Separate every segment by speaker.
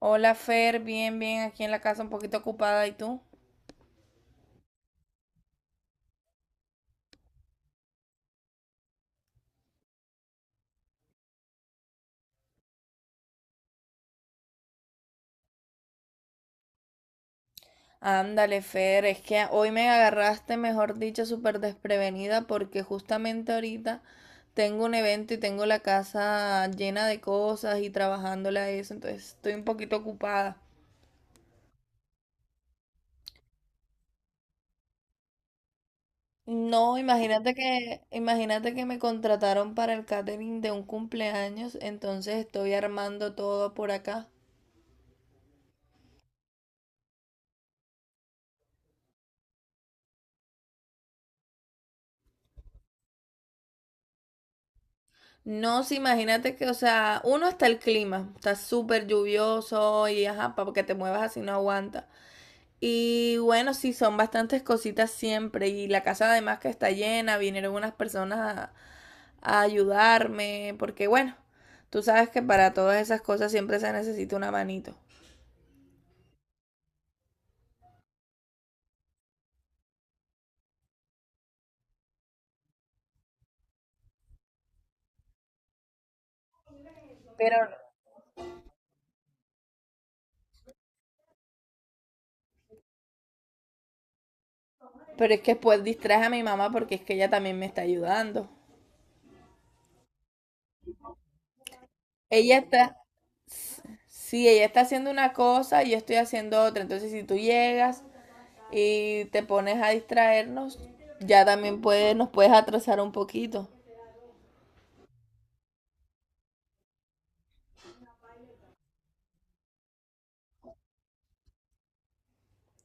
Speaker 1: Hola Fer, bien, bien, aquí en la casa un poquito ocupada, ¿y tú? Ándale Fer, es que hoy me agarraste, mejor dicho, súper desprevenida porque justamente ahorita tengo un evento y tengo la casa llena de cosas y trabajándole a eso, entonces estoy un poquito ocupada. No, imagínate que me contrataron para el catering de un cumpleaños, entonces estoy armando todo por acá. No, sí, imagínate que, o sea, uno está el clima, está súper lluvioso y ajá, para que te muevas así no aguanta. Y bueno, sí, son bastantes cositas siempre. Y la casa además que está llena, vinieron unas personas a, a ayudarme, porque bueno, tú sabes que para todas esas cosas siempre se necesita una manito. Pero Pero es que después distraje a mi mamá porque es que ella también me está ayudando. Ella está, sí, ella está haciendo una cosa y yo estoy haciendo otra. Entonces, si tú llegas y te pones a distraernos, ya también puedes nos puedes atrasar un poquito.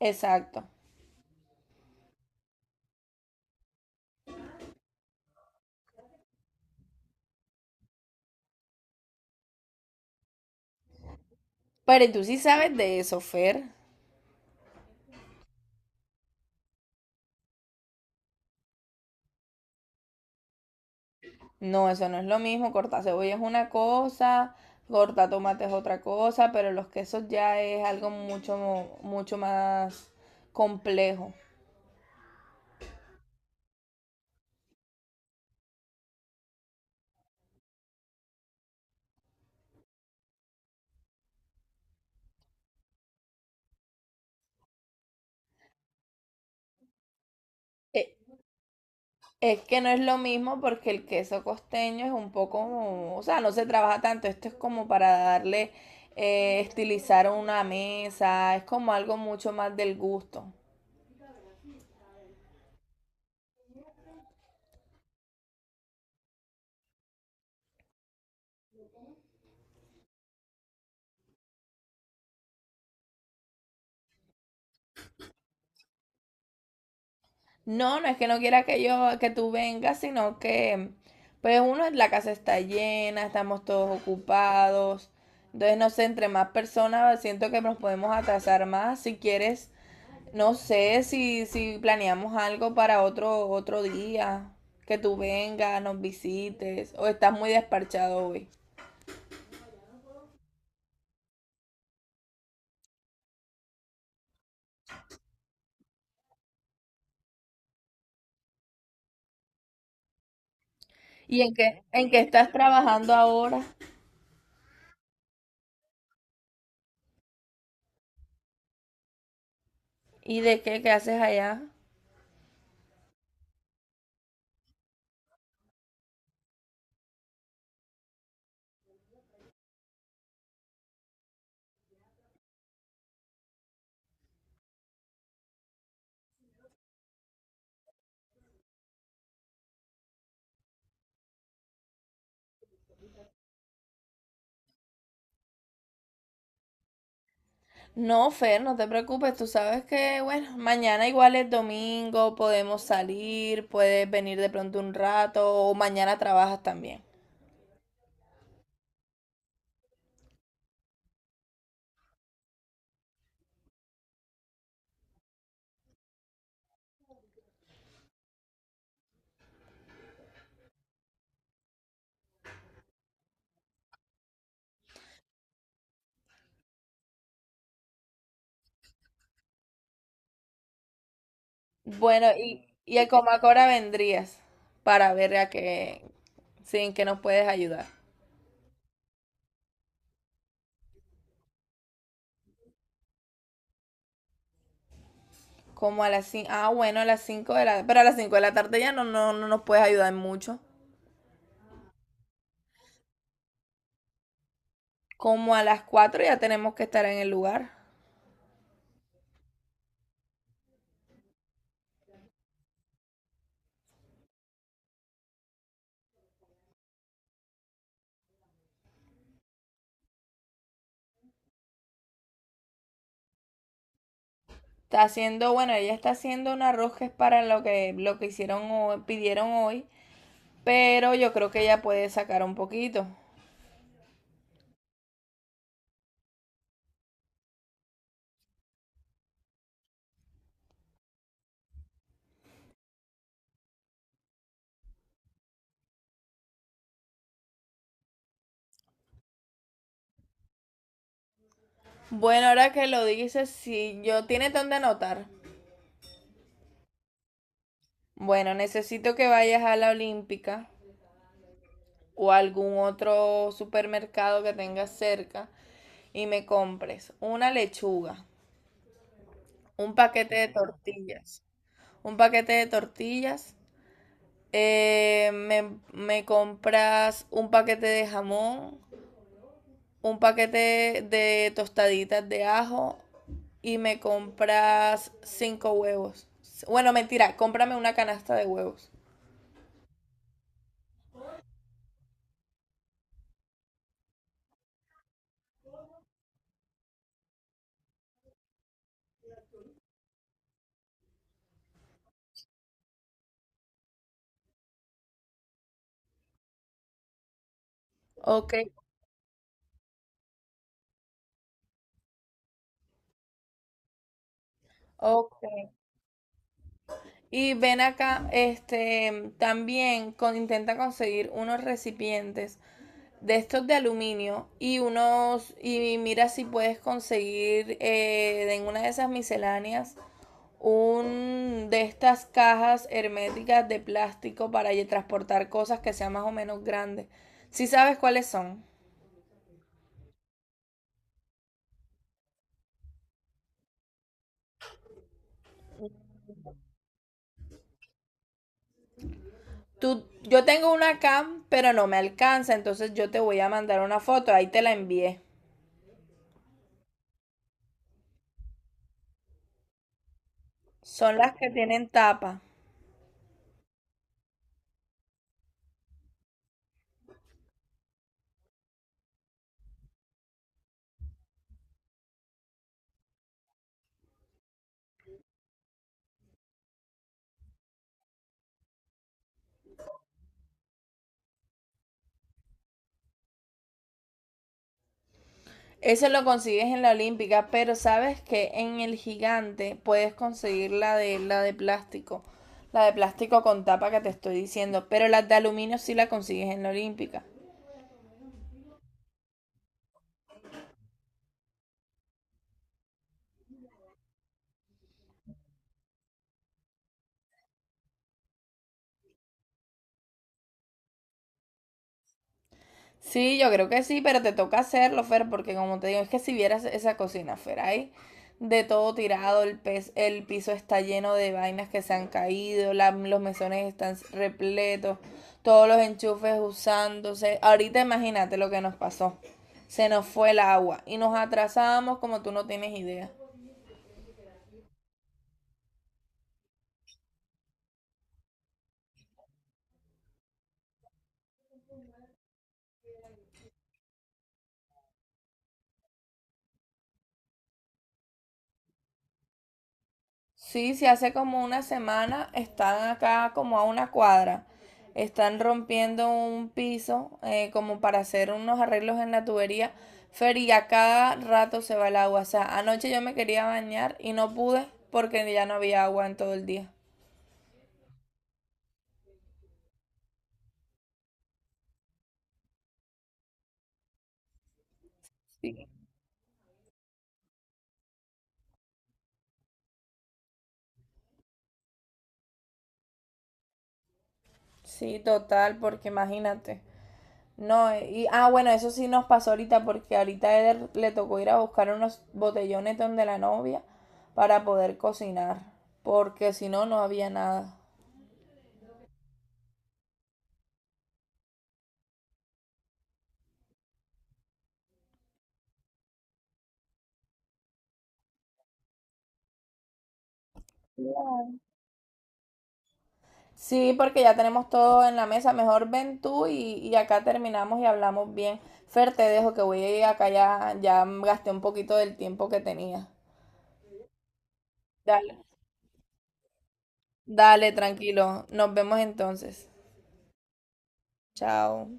Speaker 1: Exacto. Pero tú sí sabes de eso, Fer. No, eso no es lo mismo. Cortar cebolla es una cosa, cortar tomate es otra cosa, pero los quesos ya es algo mucho, mucho más complejo. Eh, Es que no es lo mismo porque el queso costeño es un poco, o sea, no se trabaja tanto. Esto es como para darle, estilizar una mesa, es como algo mucho más del gusto. No, no es que no quiera que yo, que tú vengas, sino que, pues uno, la casa está llena, estamos todos ocupados. Entonces, no sé, entre más personas siento que nos podemos atrasar más. Si quieres, no sé si planeamos algo para otro día, que tú vengas, nos visites, o estás muy despachado hoy. ¿Y en qué estás trabajando ahora? ¿Y de qué, qué haces allá? No, Fer, no te preocupes, tú sabes que, bueno, mañana igual es domingo, podemos salir, puedes venir de pronto un rato, o mañana trabajas también. Bueno, y a Comacora vendrías para ver a qué, sí, en qué nos puedes ayudar. Como a las 5, ah, bueno, a las 5 de la. Pero a las 5 de la tarde ya no, no, no nos puedes ayudar mucho. Como a las cuatro ya tenemos que estar en el lugar. Está haciendo, bueno, ella está haciendo un arroz que es para lo que hicieron hoy, pidieron hoy. Pero yo creo que ella puede sacar un poquito. Bueno, ahora que lo dices, si yo tiene donde anotar. Bueno, necesito que vayas a la Olímpica o a algún otro supermercado que tengas cerca y me compres una lechuga, un paquete de tortillas. Un paquete de tortillas. Me compras un paquete de jamón, un paquete de tostaditas de ajo y me compras cinco huevos. Bueno, mentira, cómprame una canasta de huevos. Ok, ok. Y ven acá, este, también con- intenta conseguir unos recipientes de estos de aluminio y unos y mira si puedes conseguir en una de esas misceláneas un de estas cajas herméticas de plástico para transportar cosas que sean más o menos grandes. Si sabes cuáles son. Tú, yo tengo una cam, pero no me alcanza, entonces yo te voy a mandar una foto, ahí te la envié. Son las que tienen tapa. Eso lo consigues en la Olímpica, pero sabes que en el Gigante puedes conseguir la de plástico, la de plástico con tapa que te estoy diciendo, pero la de aluminio sí la consigues en la Olímpica. Sí, yo creo que sí, pero te toca hacerlo, Fer, porque como te digo, es que si vieras esa cocina, Fer, ahí de todo tirado, el, pez, el piso está lleno de vainas que se han caído, la- los mesones están repletos, todos los enchufes usándose. Ahorita imagínate lo que nos pasó. Se nos fue el agua y nos atrasamos como tú no tienes idea. Sí, si hace como una semana están acá como a una cuadra. Están rompiendo un piso como para hacer unos arreglos en la tubería. Fer, y a cada rato se va el agua. O sea, anoche yo me quería bañar y no pude porque ya no había agua en todo el día. Sí. Sí, total, porque imagínate. No, y bueno, eso sí nos pasó ahorita porque ahorita a Eder le tocó ir a buscar unos botellones donde la novia para poder cocinar, porque si no, no había nada. Sí, porque ya tenemos todo en la mesa. Mejor ven tú y acá terminamos y hablamos bien. Fer, te dejo que voy a ir acá ya, ya gasté un poquito del tiempo que tenía. Dale. Dale, tranquilo. Nos vemos entonces. Chao.